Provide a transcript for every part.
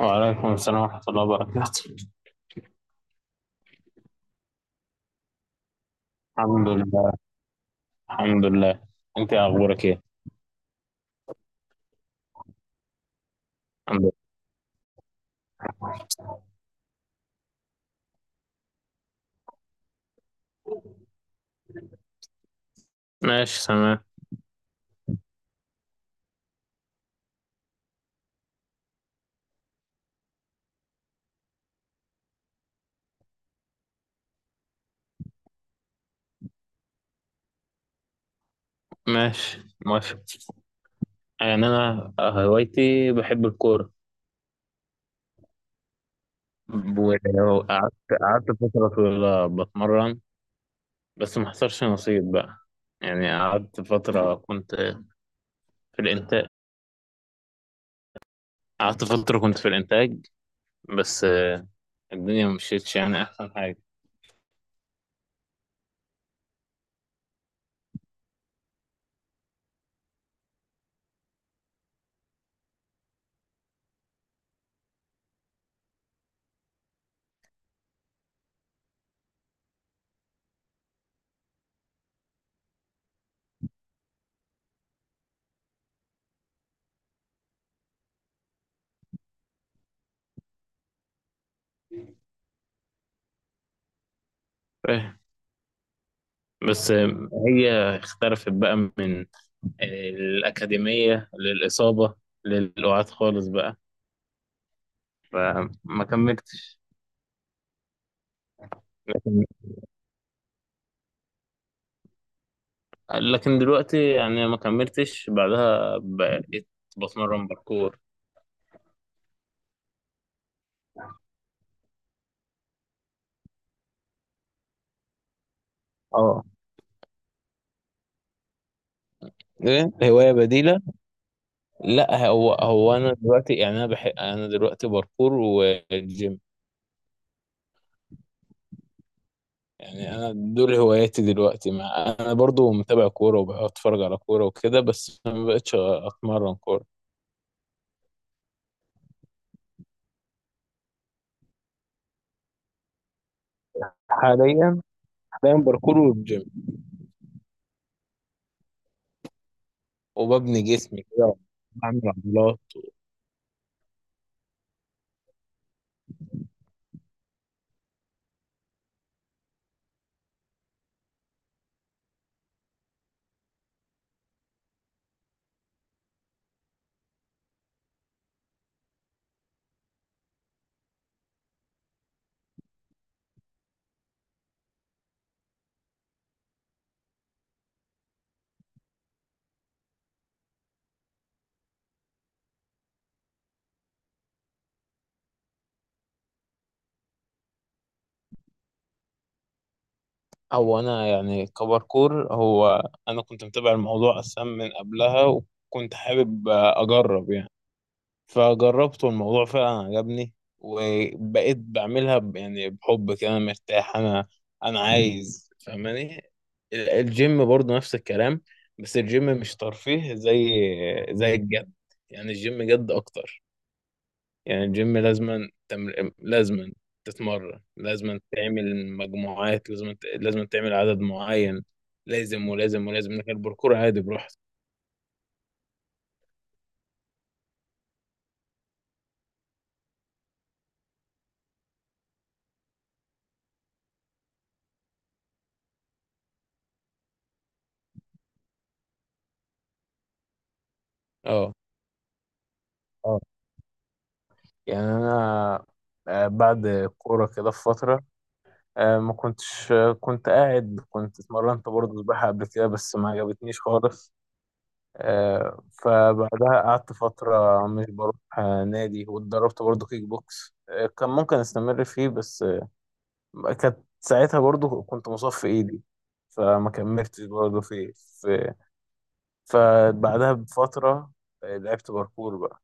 وعليكم السلام ورحمة الله وبركاته. الحمد لله. الحمد لله. انت اخبارك ايه؟ الحمد لله، ماشي تمام. ماشي موافق. يعني انا هوايتي بحب الكورة. وقعدت، قعدت فترة طويلة بتمرن، بس ما حصلش نصيب بقى. يعني قعدت فترة كنت في الانتاج، قعدت فترة كنت في الانتاج، بس الدنيا ما مشيتش يعني احسن حاجة. بس هي اختلفت بقى من الأكاديمية للإصابة، للقعاد خالص بقى، فما كملتش. لكن لكن دلوقتي يعني ما كملتش، بعدها بقيت بتمرن باركور. اه، ايه، هواية بديلة. لا، هو انا دلوقتي يعني انا بحب، انا دلوقتي باركور والجيم. يعني انا دول هواياتي دلوقتي، مع انا برضو متابع كورة وبتفرج على كورة وكده، بس ما بقتش اتمرن كورة. حاليا، حاليا باركور والجيم، وببني جسمي كده، بعمل عضلات. هو انا يعني كباركور، هو انا كنت متابع الموضوع اصلا من قبلها، وكنت حابب اجرب يعني، فجربت والموضوع فعلا عجبني، وبقيت بعملها يعني بحب كده، انا مرتاح، انا انا عايز، فاهماني. الجيم برضه نفس الكلام، بس الجيم مش ترفيه زي، زي الجد. يعني الجيم جد اكتر. يعني الجيم لازما لازما تتمرن، لازما تعمل مجموعات، لازما لازما تعمل عدد معين، لازم ولازم ولازم، لكن الباركور عادي براحتك. اه، اه، يعني انا بعد الكوره كده في فتره، ما كنتش، كنت قاعد، كنت اتمرنت برضه سباحه قبل كده بس ما عجبتنيش خالص. فبعدها قعدت فتره مش بروح نادي، واتدربت برضه كيك بوكس، كان ممكن استمر فيه بس كانت ساعتها برضو كنت مصاب في ايدي، فما كملتش برضو في، فبعدها بفترة لعبت باركور بقى.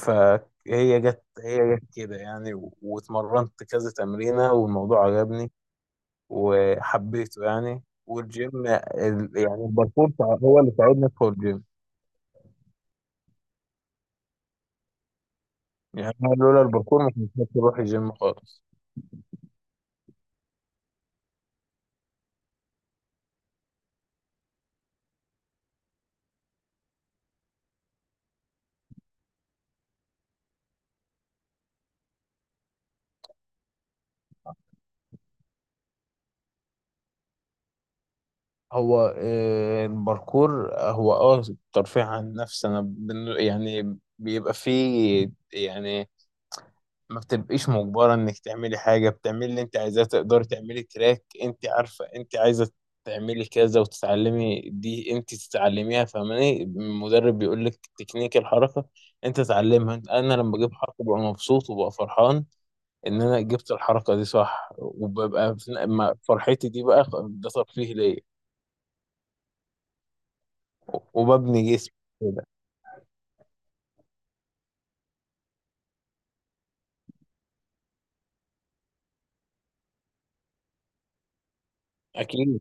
فهي جت كده يعني، واتمرنت كذا تمرينة والموضوع عجبني وحبيته. يعني والجيم يعني الباركور هو اللي ساعدني ادخل الجيم. يعني أنا لولا الباركور ما كنتش هروح الجيم خالص. هو الباركور هو اه ترفيه عن النفس. انا يعني بيبقى فيه يعني ما بتبقيش مجبرة انك تعملي حاجة، بتعملي اللي انت عايزاه، تقدري تعملي تراك انت عارفة انت عايزة تعملي كذا وتتعلمي، دي انت تتعلميها فاهماني، المدرب بيقول لك تكنيك الحركة، انت تعلمها. انا لما بجيب حركة ببقى مبسوط وببقى فرحان ان انا جبت الحركة دي صح، وببقى فرحتي دي بقى ده ترفيه ليا، وببني جسمي كده. اكيد.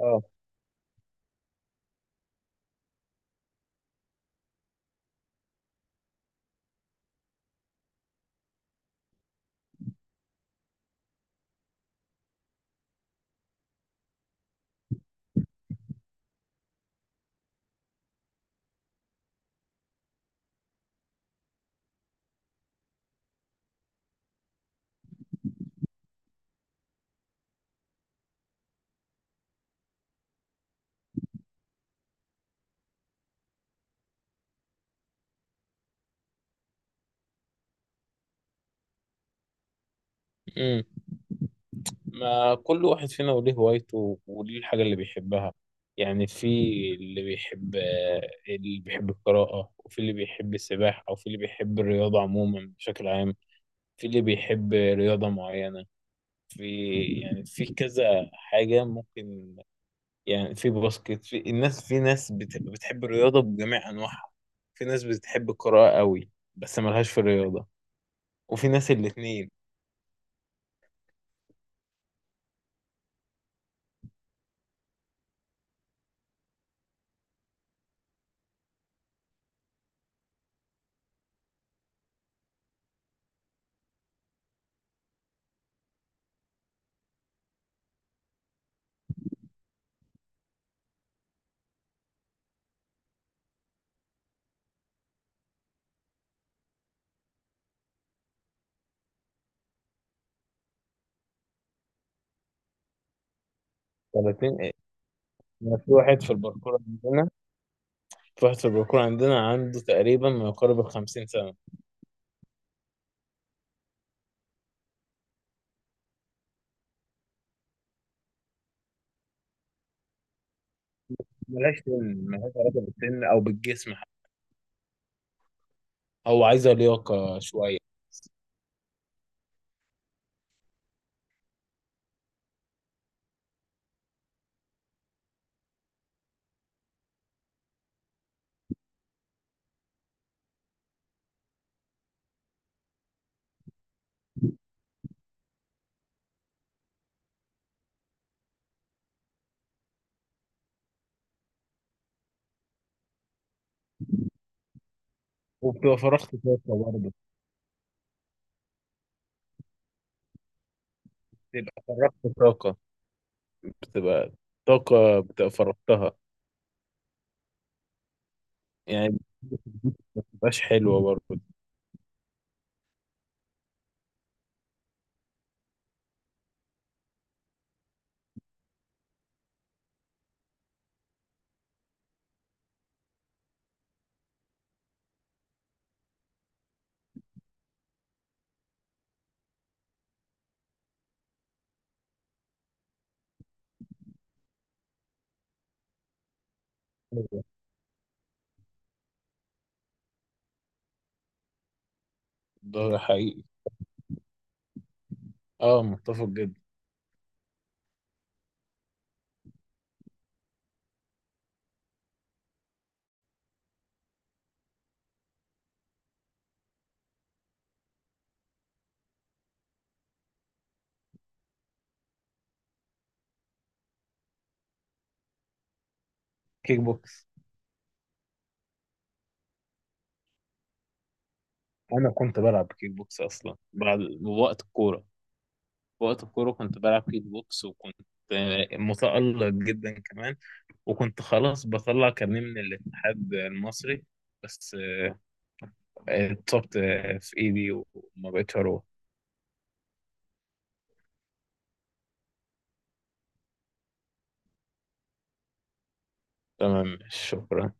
اه. امم، ما كل واحد فينا وليه هوايته وليه الحاجه اللي بيحبها. يعني في اللي بيحب، اللي بيحب القراءه، وفي اللي بيحب السباحه، وفي اللي بيحب الرياضه عموما بشكل عام، في اللي بيحب رياضه معينه، في، يعني في كذا حاجه ممكن. يعني في باسكت، في الناس، في ناس بتحب الرياضه بجميع انواعها، في ناس بتحب القراءه قوي بس ملهاش في الرياضه، وفي ناس الاتنين، فالاتنين. أنا في واحد في الباركور عندنا، في واحد في الباركور عندنا عنده تقريبا ما يقارب ال 50 سنة. ملهاش سن، ملهاش علاقة بالسن أو بالجسم حتى، هو عايزة لياقة شوية. وبتبقى فرغت طاقة برضه، بتبقى فرغت طاقة، بتبقى طاقة بتبقى فرغتها، يعني ما بتبقاش حلوة برضه. ده حقيقي، اه متفق جدا. كيك بوكس. أنا كنت بلعب كيك بوكس أصلا بعد وقت الكورة، في وقت الكورة كنت بلعب كيك بوكس، وكنت متألق جدا كمان، وكنت خلاص بطلع كارنيه من الاتحاد المصري، بس اتصبت في ايدي وما بقتش اروح. تمام، شكرا.